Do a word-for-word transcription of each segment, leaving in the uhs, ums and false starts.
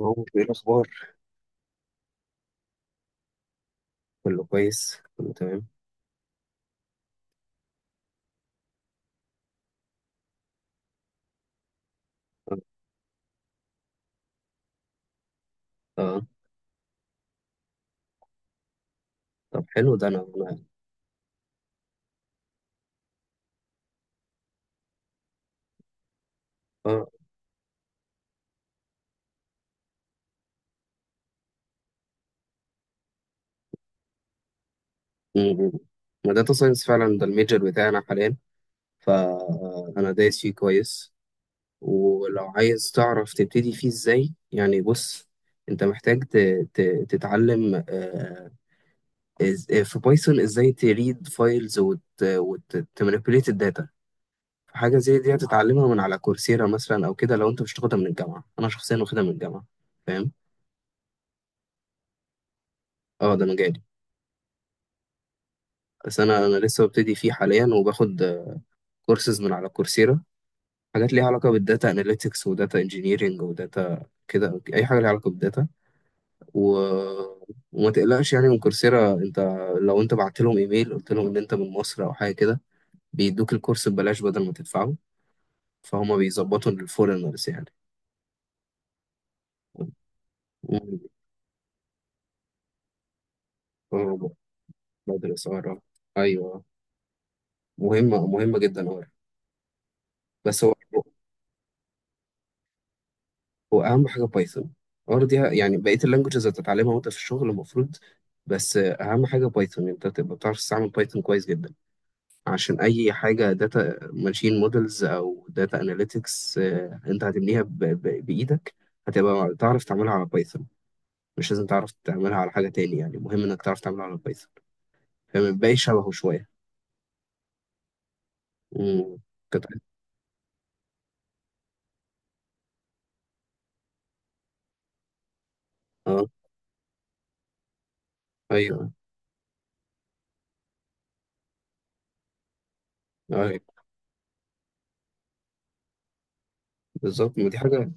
هو ايه الاخبار؟ كله كويس، كله تمام. اه. آه. طب، حلو ده. انا انا اه. م- م. داتا ساينس فعلا ده الميجر بتاعنا حاليا، فانا دايس فيه كويس. ولو عايز تعرف تبتدي فيه ازاي، يعني بص، انت محتاج ت- ت- تتعلم آه، إز- آه، في بايثون ازاي تريد فايلز وتمانيبيوليت الداتا. حاجة زي دي هتتعلمها من على كورسيرا مثلا، او كده لو انت مش تاخدها من الجامعة. انا شخصيا واخدها من الجامعة، فاهم. اه، ده مجالي. بس انا انا لسه ببتدي فيه حاليا، وباخد كورسز من على كورسيرا، حاجات ليها علاقه بالداتا اناليتكس وداتا انجينيرنج وداتا، كده اي حاجه ليها علاقه بالداتا. و... وما تقلقش يعني من كورسيرا، انت لو انت بعت لهم ايميل قلت لهم ان انت من مصر او حاجه كده بيدوك الكورس ببلاش بدل ما تدفعه. فهم بيظبطوا للفورنرز يعني. و- بدرس، اه. ايوه، مهمه مهمه جدا، اه. بس هو واهم حاجه بايثون، دي يعني بقيه اللانجوجز هتتعلمها وانت في الشغل المفروض. بس اهم حاجه بايثون، انت تبقى بتعرف تستعمل بايثون كويس جدا. عشان اي حاجه داتا ماشين مودلز او داتا اناليتكس انت هتبنيها ب- ب- بايدك، هتبقى تعرف تعملها على بايثون. مش لازم تعرف تعملها على حاجه تاني، يعني مهم انك تعرف تعملها على بايثون، فما بقاش شبهه شويه. امم كنت، اه. ايوه. ايوه، بالظبط، ما دي حاجه.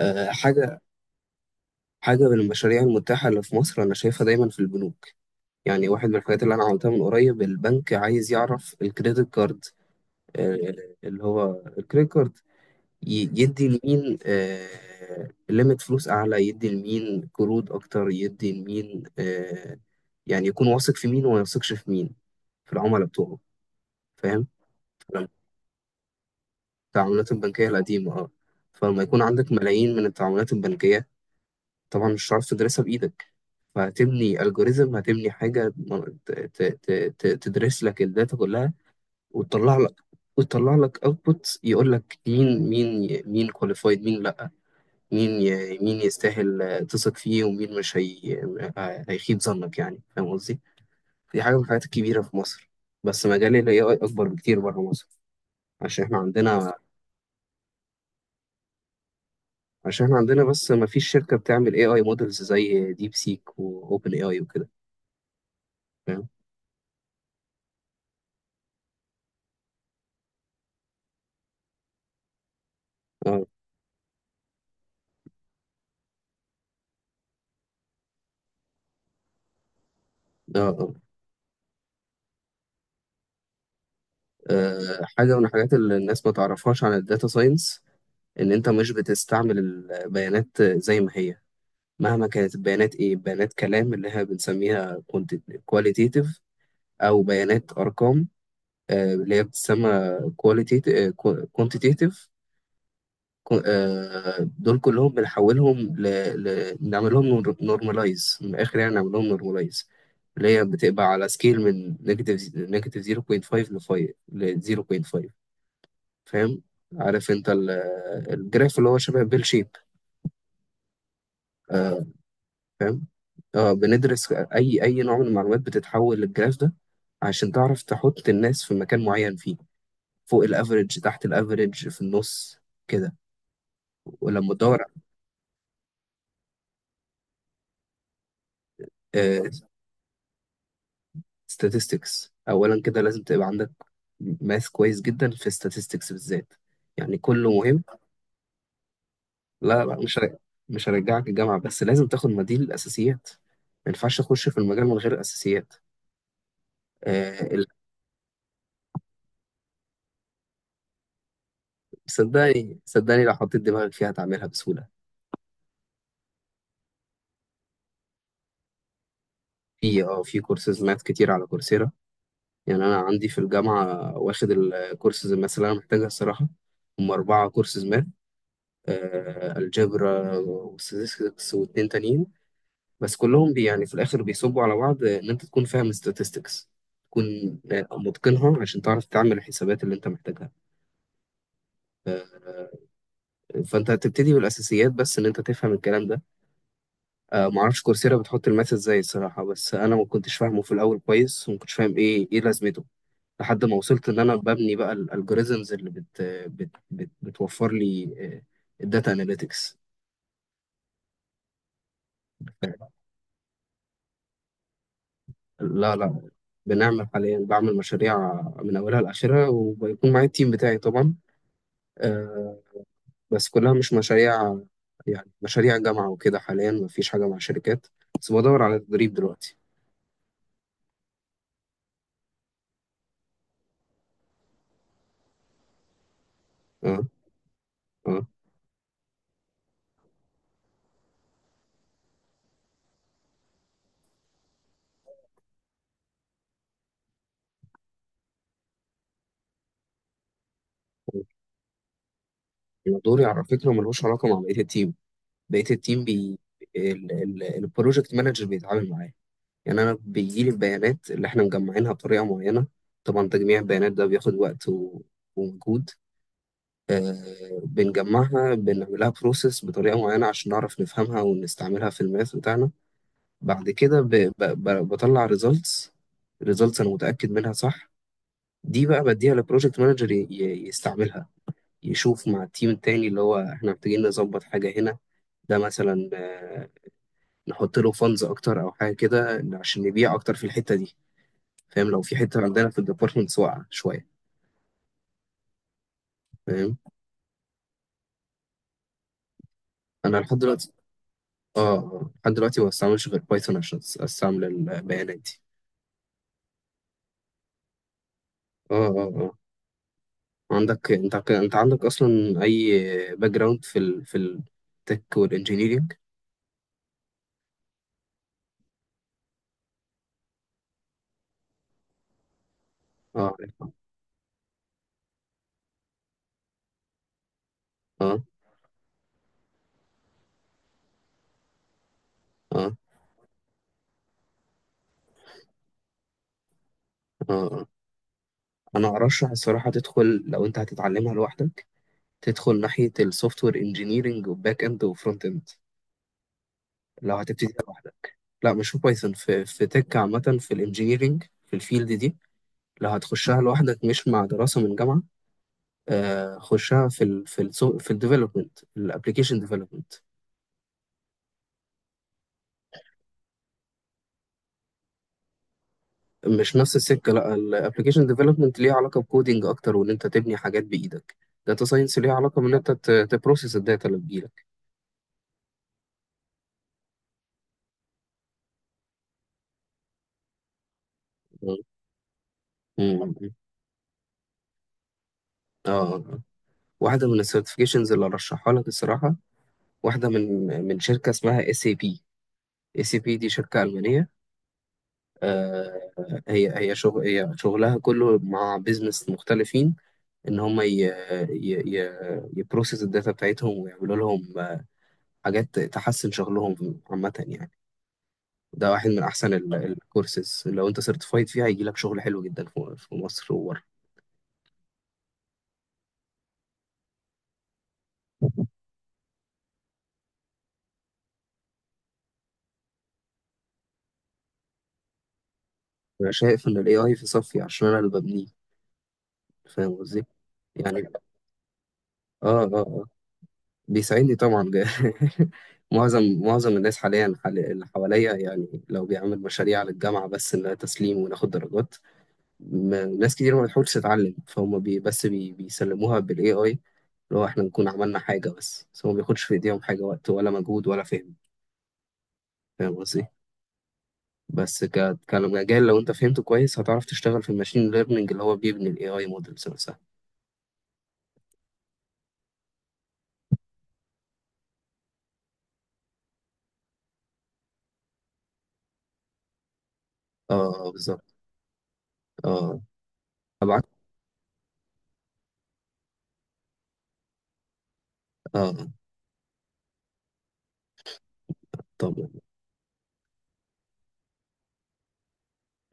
آه، حاجه حاجه من المشاريع المتاحه اللي في مصر انا شايفها دايما في البنوك. يعني واحد من الحاجات اللي انا عملتها من قريب، البنك عايز يعرف الكريدت كارد، آه، اللي هو الكريدت كارد ي- يدي لمين ليميت فلوس اعلى، يدي لمين قروض اكتر، يدي لمين، آه، يعني يكون واثق في مين وما يثقش في مين في العملاء بتوعه، فاهم. التعاملات البنكية القديمة، اه. فلما يكون عندك ملايين من التعاملات البنكية طبعا مش هتعرف تدرسها بإيدك، فهتبني الجوريزم، هتبني حاجة ت- ت- ت- ت- تدرس لك الداتا كلها وتطلع لك، وتطلع لك اوتبوت يقول لك مين مين مين كواليفايد، مين لا، مين ي- مين يستاهل آه، تثق فيه، ومين مش هي... آه، هيخيب ظنك. يعني فاهم قصدي؟ دي حاجه من الحاجات الكبيره في مصر. بس مجال ال اي اي اكبر بكتير بره مصر، عشان احنا عندنا، عشان احنا عندنا بس ما فيش شركه بتعمل اي اي مودلز زي ديب سيك واوبن اي اي وكده، فاهم؟ اه، اه، اه. آه، حاجه من الحاجات اللي الناس ما تعرفهاش عن الداتا ساينس، ان انت مش بتستعمل البيانات زي ما هي. مهما كانت البيانات، ايه، بيانات كلام اللي احنا بنسميها كواليتيتيف، او بيانات ارقام آه، اللي هي بتسمى كواليتيتيف، كوانتيتيف. دول كلهم بنحولهم ل... ل... نعمل لهم نورماليز، من الاخر يعني نعمل لهم نورماليز، اللي هي بتبقى على سكيل من نيجاتيف نيجاتيف نص ل خمس ل نص، فاهم. عارف انت ال- الجراف اللي هو شبه بيل شيب، فاهم. اه، بندرس اي اي نوع من المعلومات بتتحول للجراف ده، عشان تعرف تحط الناس في مكان معين فيه، فوق الافريج، تحت الافريج، في النص كده. ولما تدور آه، statistics اولا كده لازم تبقى عندك، ماث كويس جدا في statistics بالذات، يعني كله مهم. لا لا، مش هر- مش هرجعك الجامعة، بس لازم تاخد مديل الاساسيات، ما ينفعش تخش في المجال من غير اساسيات. آه، ال- صدقني صدقني، لو حطيت دماغك فيها هتعملها بسهولة. في، اه، في كورسز ماث كتير على كورسيرا. يعني انا عندي في الجامعه واخد الكورسز الماث اللي انا محتاجها الصراحه، هم اربعه كورسز ماث. آه، الجبر وستاتستكس واتنين تانيين. بس كلهم بي يعني في الاخر بيصبوا على بعض، آه، ان انت تكون فاهم statistics، تكون آه، متقنها، عشان تعرف تعمل الحسابات اللي انت محتاجها. آه، فانت هتبتدي بالاساسيات بس ان انت تفهم الكلام ده. آه، معرفش كورسيرا بتحط الماث ازاي الصراحه، بس انا ما كنتش فاهمه في الاول كويس، وما كنتش فاهم ايه ايه لازمته، لحد ما وصلت ان انا ببني بقى الالجوريزمز اللي بت بت بت بتوفر لي الداتا اناليتكس. لا لا، بنعمل حاليا، بعمل مشاريع من اولها لاخرها، وبيكون معايا التيم بتاعي طبعا. آه، بس كلها مش مشاريع، يعني مشاريع جامعه وكده، حاليا مفيش حاجه مع شركات، بس بدور على تدريب دلوقتي. اه، اه. أنا دوري على فكره ملوش علاقه مع بقيه التيم، بقيه التيم بي، البروجكت مانجر بيتعامل معايا. يعني انا بيجي لي البيانات اللي احنا مجمعينها بطريقه معينه، طبعا تجميع البيانات ده بياخد وقت و... ومجهود. آه، بنجمعها، بنعملها بروسيس بطريقه معينه عشان نعرف نفهمها ونستعملها في الماث بتاعنا. بعد كده ب... ب... ب... بطلع ريزلتس، ريزلتس انا متاكد منها صح، دي بقى بديها للبروجكت مانجر ي... ي- يستعملها، يشوف مع التيم التاني اللي هو احنا محتاجين نظبط حاجه هنا، ده مثلا آه، نحط له فانز اكتر او حاجه كده عشان نبيع اكتر في الحته دي، فاهم، لو في حته عندنا في الديبارتمنتس واقعه شويه، فاهم. انا لحد دلوقتي، اه، آه، آه. لحد دلوقتي ما بستعملش غير بايثون عشان أس- استعمل البيانات دي. اه اه اه. عندك انت ك- انت عندك اصلا اي باك جراوند في ال... في التك والانجينيرينج. اه، عارفها. اه اه اه. آه. انا ارشح الصراحه تدخل، لو انت هتتعلمها لوحدك تدخل ناحيه السوفت وير انجينيرنج وباك اند وفرونت اند. لو هتبتدي لوحدك، لا مش في بايثون، في، في تك عامه، في الانجينيرنج، في الفيلد دي، لو هتخشها لوحدك مش مع دراسة من جامعة، آه، خشها في ال في ال في الديفلوبمنت، الابلكيشن ديفلوبمنت. مش نفس السكة، لا الابلكيشن ديفلوبمنت ليه علاقة بكودينج اكتر، وان انت تبني حاجات بايدك. داتا ساينس ليه علاقة بان انت تبروسيس الداتا اللي بتجيلك. مم. اه، آه. واحدة من السيرتيفيكيشنز اللي ارشحها لك الصراحة، واحدة من من شركة اسمها اس اي بي. اس اي بي دي شركة ألمانية، آه. هي هي شغل هي شغلها كله مع بيزنس مختلفين، ان هم ي... ي... ي... يبروسس الداتا بتاعتهم ويعملوا لهم حاجات تحسن شغلهم عامة يعني. ده واحد من احسن الكورسز، لو انت سيرتيفايد فيها هيجي لك شغل حلو جدا في، في مصر وبره. انا شايف ان الاي اي في صفي، عشان انا اللي ببنيه، فاهم قصدي. يعني اه اه، آه. بيساعدني طبعا. معظم معظم الناس حاليا، حال- اللي حواليا، يعني لو بيعمل مشاريع للجامعة بس انها تسليم وناخد درجات، ما ناس كتير ما بتحاولش تتعلم، فهم بي بس بي بيسلموها بالاي اي، اللي هو احنا نكون عملنا حاجه، بس بس هو ما بياخدش في ايديهم حاجه، وقت ولا مجهود ولا فهم، فاهم قصدي. بس ك- كمجال، لو انت فهمته كويس هتعرف تشتغل في الماشين ليرنينج اللي هو بيبني الاي اي مودلز نفسها. اه، آه، بالظبط. اه. ابعت، اه. طبعا،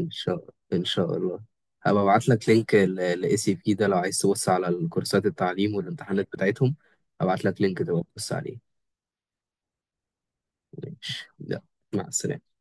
ان شاء الله ان شاء الله. هبقى ابعت لك لينك الاي سي بي ده، لو عايز تبص على الكورسات التعليم والامتحانات بتاعتهم. ابعت لك لينك تبقى تبص عليه. ماشي، يلا، مع السلامه.